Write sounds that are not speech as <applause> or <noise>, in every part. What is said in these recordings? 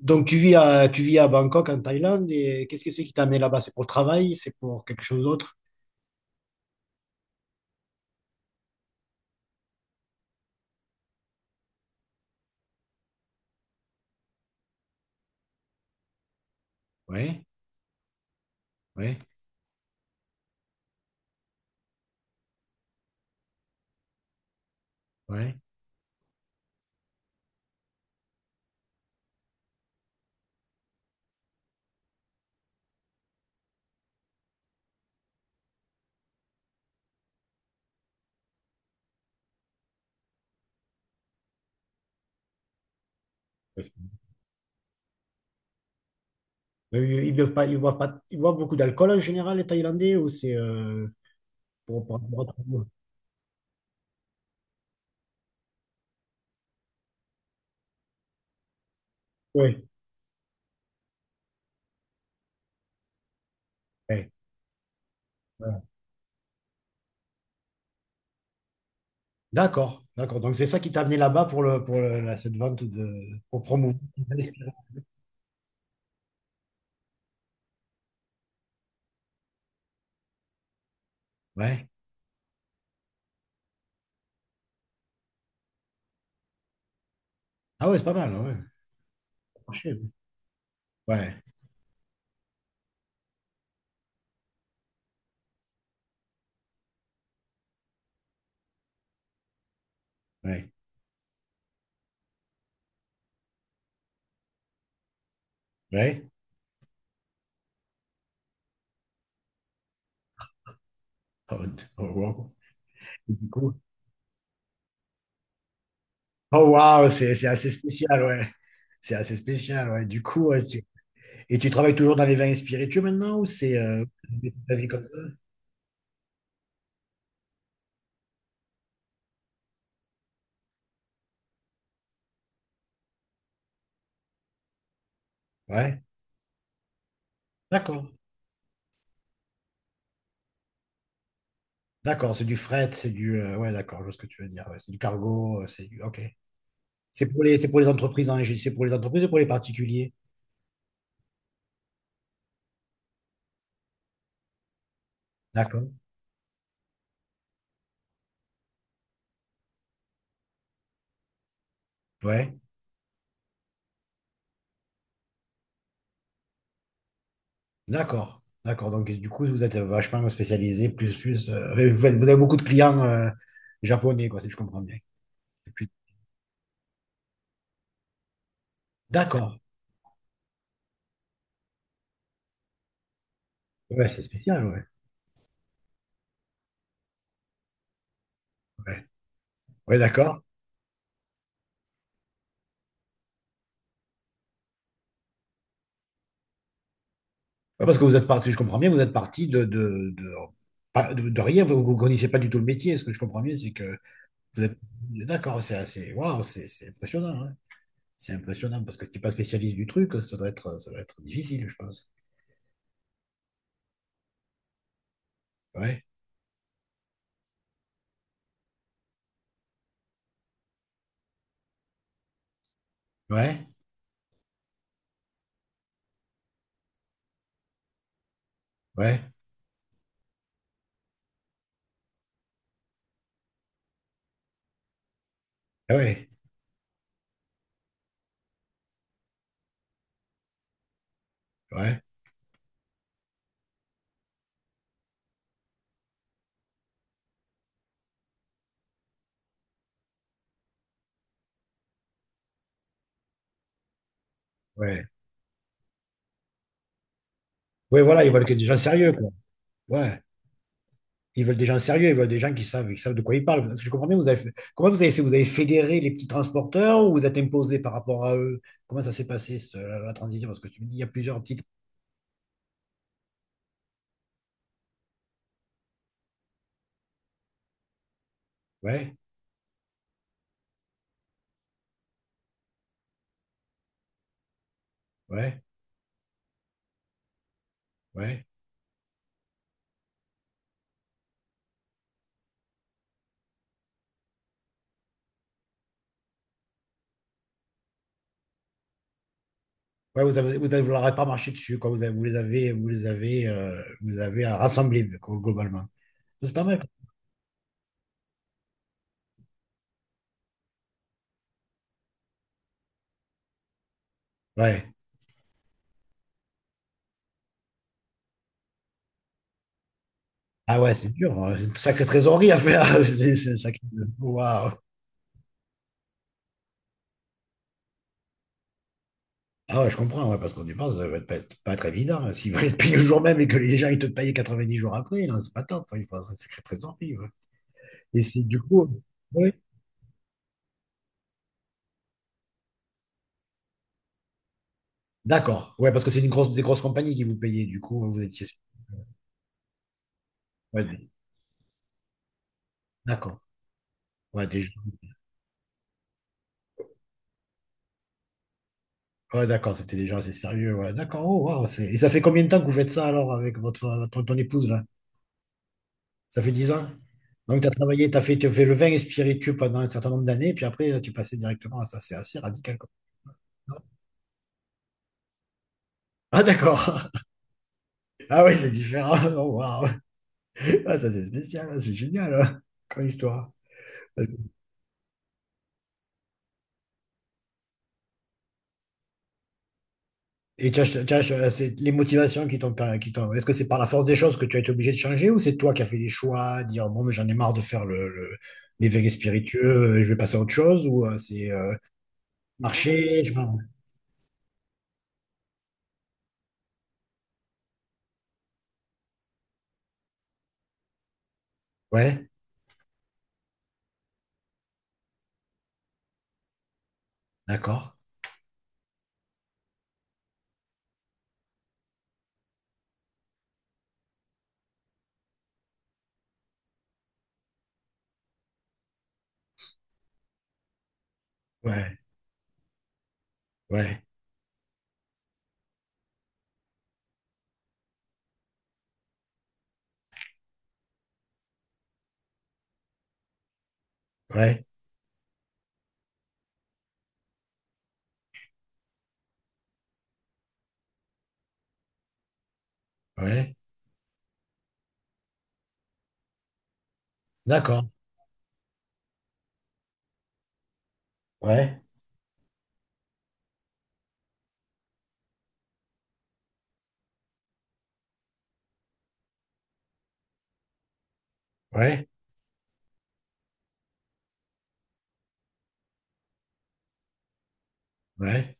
Donc, tu vis à Bangkok, en Thaïlande, et qu'est-ce que c'est qui t'a amené là-bas? C'est pour le travail? C'est pour quelque chose d'autre? Ouais, ouais, ouais. Mais ils boivent pas, ils boivent pas, ils boivent beaucoup d'alcool en général, les Thaïlandais, ou c'est pour, pour, pour- Ouais, ouais, ouais. D'accord, d'accord. Donc, c'est ça qui t'a amené là-bas cette vente de, pour promouvoir. Ouais. Ah ouais, c'est pas mal, ouais. Marché. Ouais, ouais, ouais. Ouais. Oh, oh, wow. Et du coup, oh waouh, c'est assez spécial, ouais. C'est assez spécial, ouais. Du coup, ouais, et tu travailles toujours dans les vins et spiritueux maintenant ou c'est la vie comme ça? Ouais. D'accord. D'accord, c'est du fret, c'est du ouais, d'accord, je vois ce que tu veux dire. Ouais, c'est du cargo, c'est du OK. C'est pour les entreprises en Égypte, c'est pour les entreprises et pour les particuliers. D'accord. Ouais. D'accord. D'accord. Donc du coup, vous êtes vachement spécialisé, plus vous avez beaucoup de clients japonais quoi, si je comprends bien. Et puis- D'accord. Ouais, c'est spécial, ouais. Ouais, ouais, d'accord. Ouais, parce que vous êtes parti, si je comprends bien, vous êtes parti de, pas- de rien, vous ne connaissez pas du tout le métier. Ce que je comprends bien, c'est que vous êtes. D'accord, c'est assez. Waouh, c'est impressionnant, hein. C'est impressionnant parce que si tu n'es pas spécialiste du truc, ça doit être difficile, je pense. Ouais, ouais, ouais, ah ouais, ouais, ouais. Ouais, voilà, ils veulent que des gens sérieux, quoi. Ouais. Ils veulent des gens sérieux, ils veulent des gens qui savent de quoi ils parlent. Parce que je comprends bien, comment vous avez fait? Vous avez fédéré les petits transporteurs ou vous êtes imposé par rapport à eux? Comment ça s'est passé, la transition? Parce que tu me dis, il y a plusieurs petits. Ouais, ouais, ouais. Ouais, vous leur avez pas marché dessus, quoi. Vous les avez rassemblés, quoi, globalement. C'est pas mal, quoi. Ouais. Ah ouais, c'est dur, hein. C'est une sacrée trésorerie à faire. <laughs> C'est un sacré- Waouh. Ah ouais, je comprends, ouais, parce qu'on y pense, ça va être pas, c'est pas être évident, hein. S'ils veulent te payer le jour même et que les gens ils te payent 90 jours après, non, c'est pas top, hein. Il faut un sacré trésorerie, ouais. Et c'est du coup. Oui. D'accord. Ouais, parce que c'est des grosses compagnies qui vous payaient, du coup, hein, vous étiez. Ouais, d'accord. Ouais, des. Ouais, d'accord, c'était déjà assez sérieux. Ouais, d'accord. Oh, waouh, c'est... Et ça fait combien de temps que vous faites ça alors avec ton épouse là? Ça fait 10 ans? Donc, tu as travaillé, tu as fait, t'as fait le vin et spiritueux pendant un certain nombre d'années, puis après, tu passais directement à ça. C'est assez radical, quoi. Non. Ah, d'accord. <laughs> Ah, oui, c'est différent. <laughs> Oh, waouh. Ah, ça, c'est spécial. C'est génial, hein, comme histoire. Et c'est les motivations qui t'ont, per- qui t'ont- est-ce que c'est par la force des choses que tu as été obligé de changer ou c'est toi qui as fait des choix, dire bon, mais j'en ai marre de faire les vegan spiritueux, je vais passer à autre chose ou c'est marcher, je m'en- Ouais, d'accord. Ouais, ouais, ouais, ouais, d'accord. Ouais, ouais, ouais,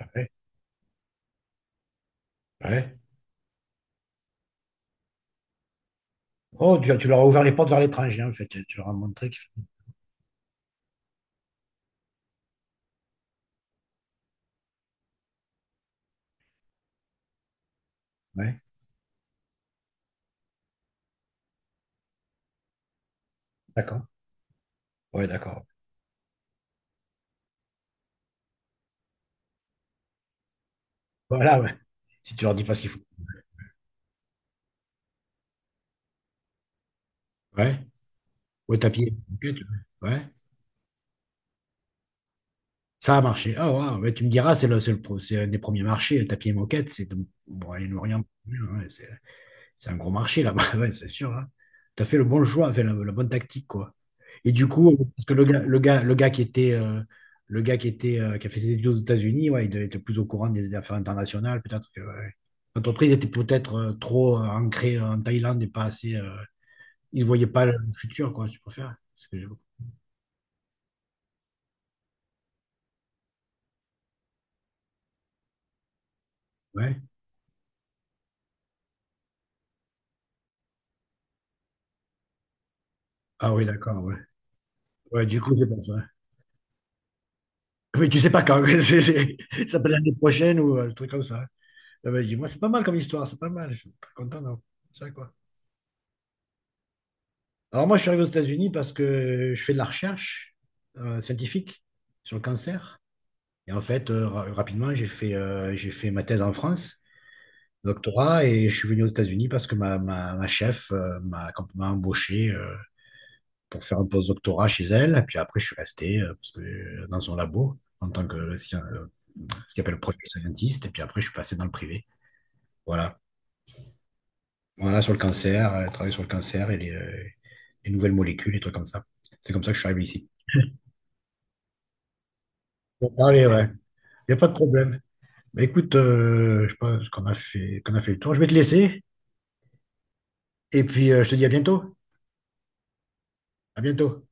ouais, ouais. Oh, tu leur as ouvert les portes vers l'étranger, hein, en fait. Tu leur as montré qu'il faut. Ouais, d'accord. Ouais, d'accord. Voilà, ouais. Si tu leur dis pas ce qu'il faut. Ouais, au tapis. Ouais. Ça a marché. Ah, waouh. Mais tu me diras, c'est un des premiers marchés. Tapis et moquette, c'est bon, et l'Orient, ouais, c'est un gros marché là-bas, <laughs> ouais, c'est sûr, hein. T'as fait le bon choix, fait la bonne tactique, quoi. Et du coup, parce que le gars qui était, le gars qui était, qui a fait ses études aux États-Unis, ouais, il devait être plus au courant des affaires internationales, peut-être que ouais. L'entreprise était peut-être trop ancrée en Thaïlande et pas assez. Il ne voyait pas le futur, quoi, tu préfères. C'est ce que je- Ouais. Ah oui, d'accord, ouais. Ouais, du coup, c'est pas ça. Oui, tu sais pas quand. <laughs> Ça peut être l'année prochaine ou un truc comme ça. Ah, vas-y, moi, c'est pas mal comme histoire, c'est pas mal. Je suis très content d'avoir fait ça, quoi. Alors, moi, je suis arrivé aux États-Unis parce que je fais de la recherche scientifique sur le cancer. Et en fait, rapidement, j'ai fait ma thèse en France, doctorat, et je suis venu aux États-Unis parce que ma chef m'a embauché. Pour faire un post-doctorat chez elle. Et puis après, je suis resté dans son labo en tant que ce qu'il appelle project scientist. Et puis après, je suis passé dans le privé. Voilà. Voilà, sur le cancer, travailler sur le cancer et les nouvelles molécules, les trucs comme ça. C'est comme ça que je suis arrivé ici. Bon, allez, ouais. Il n'y a pas de problème. Bah, écoute, je pense qu'on a fait, le tour. Je vais te laisser. Et puis, je te dis à bientôt. À bientôt.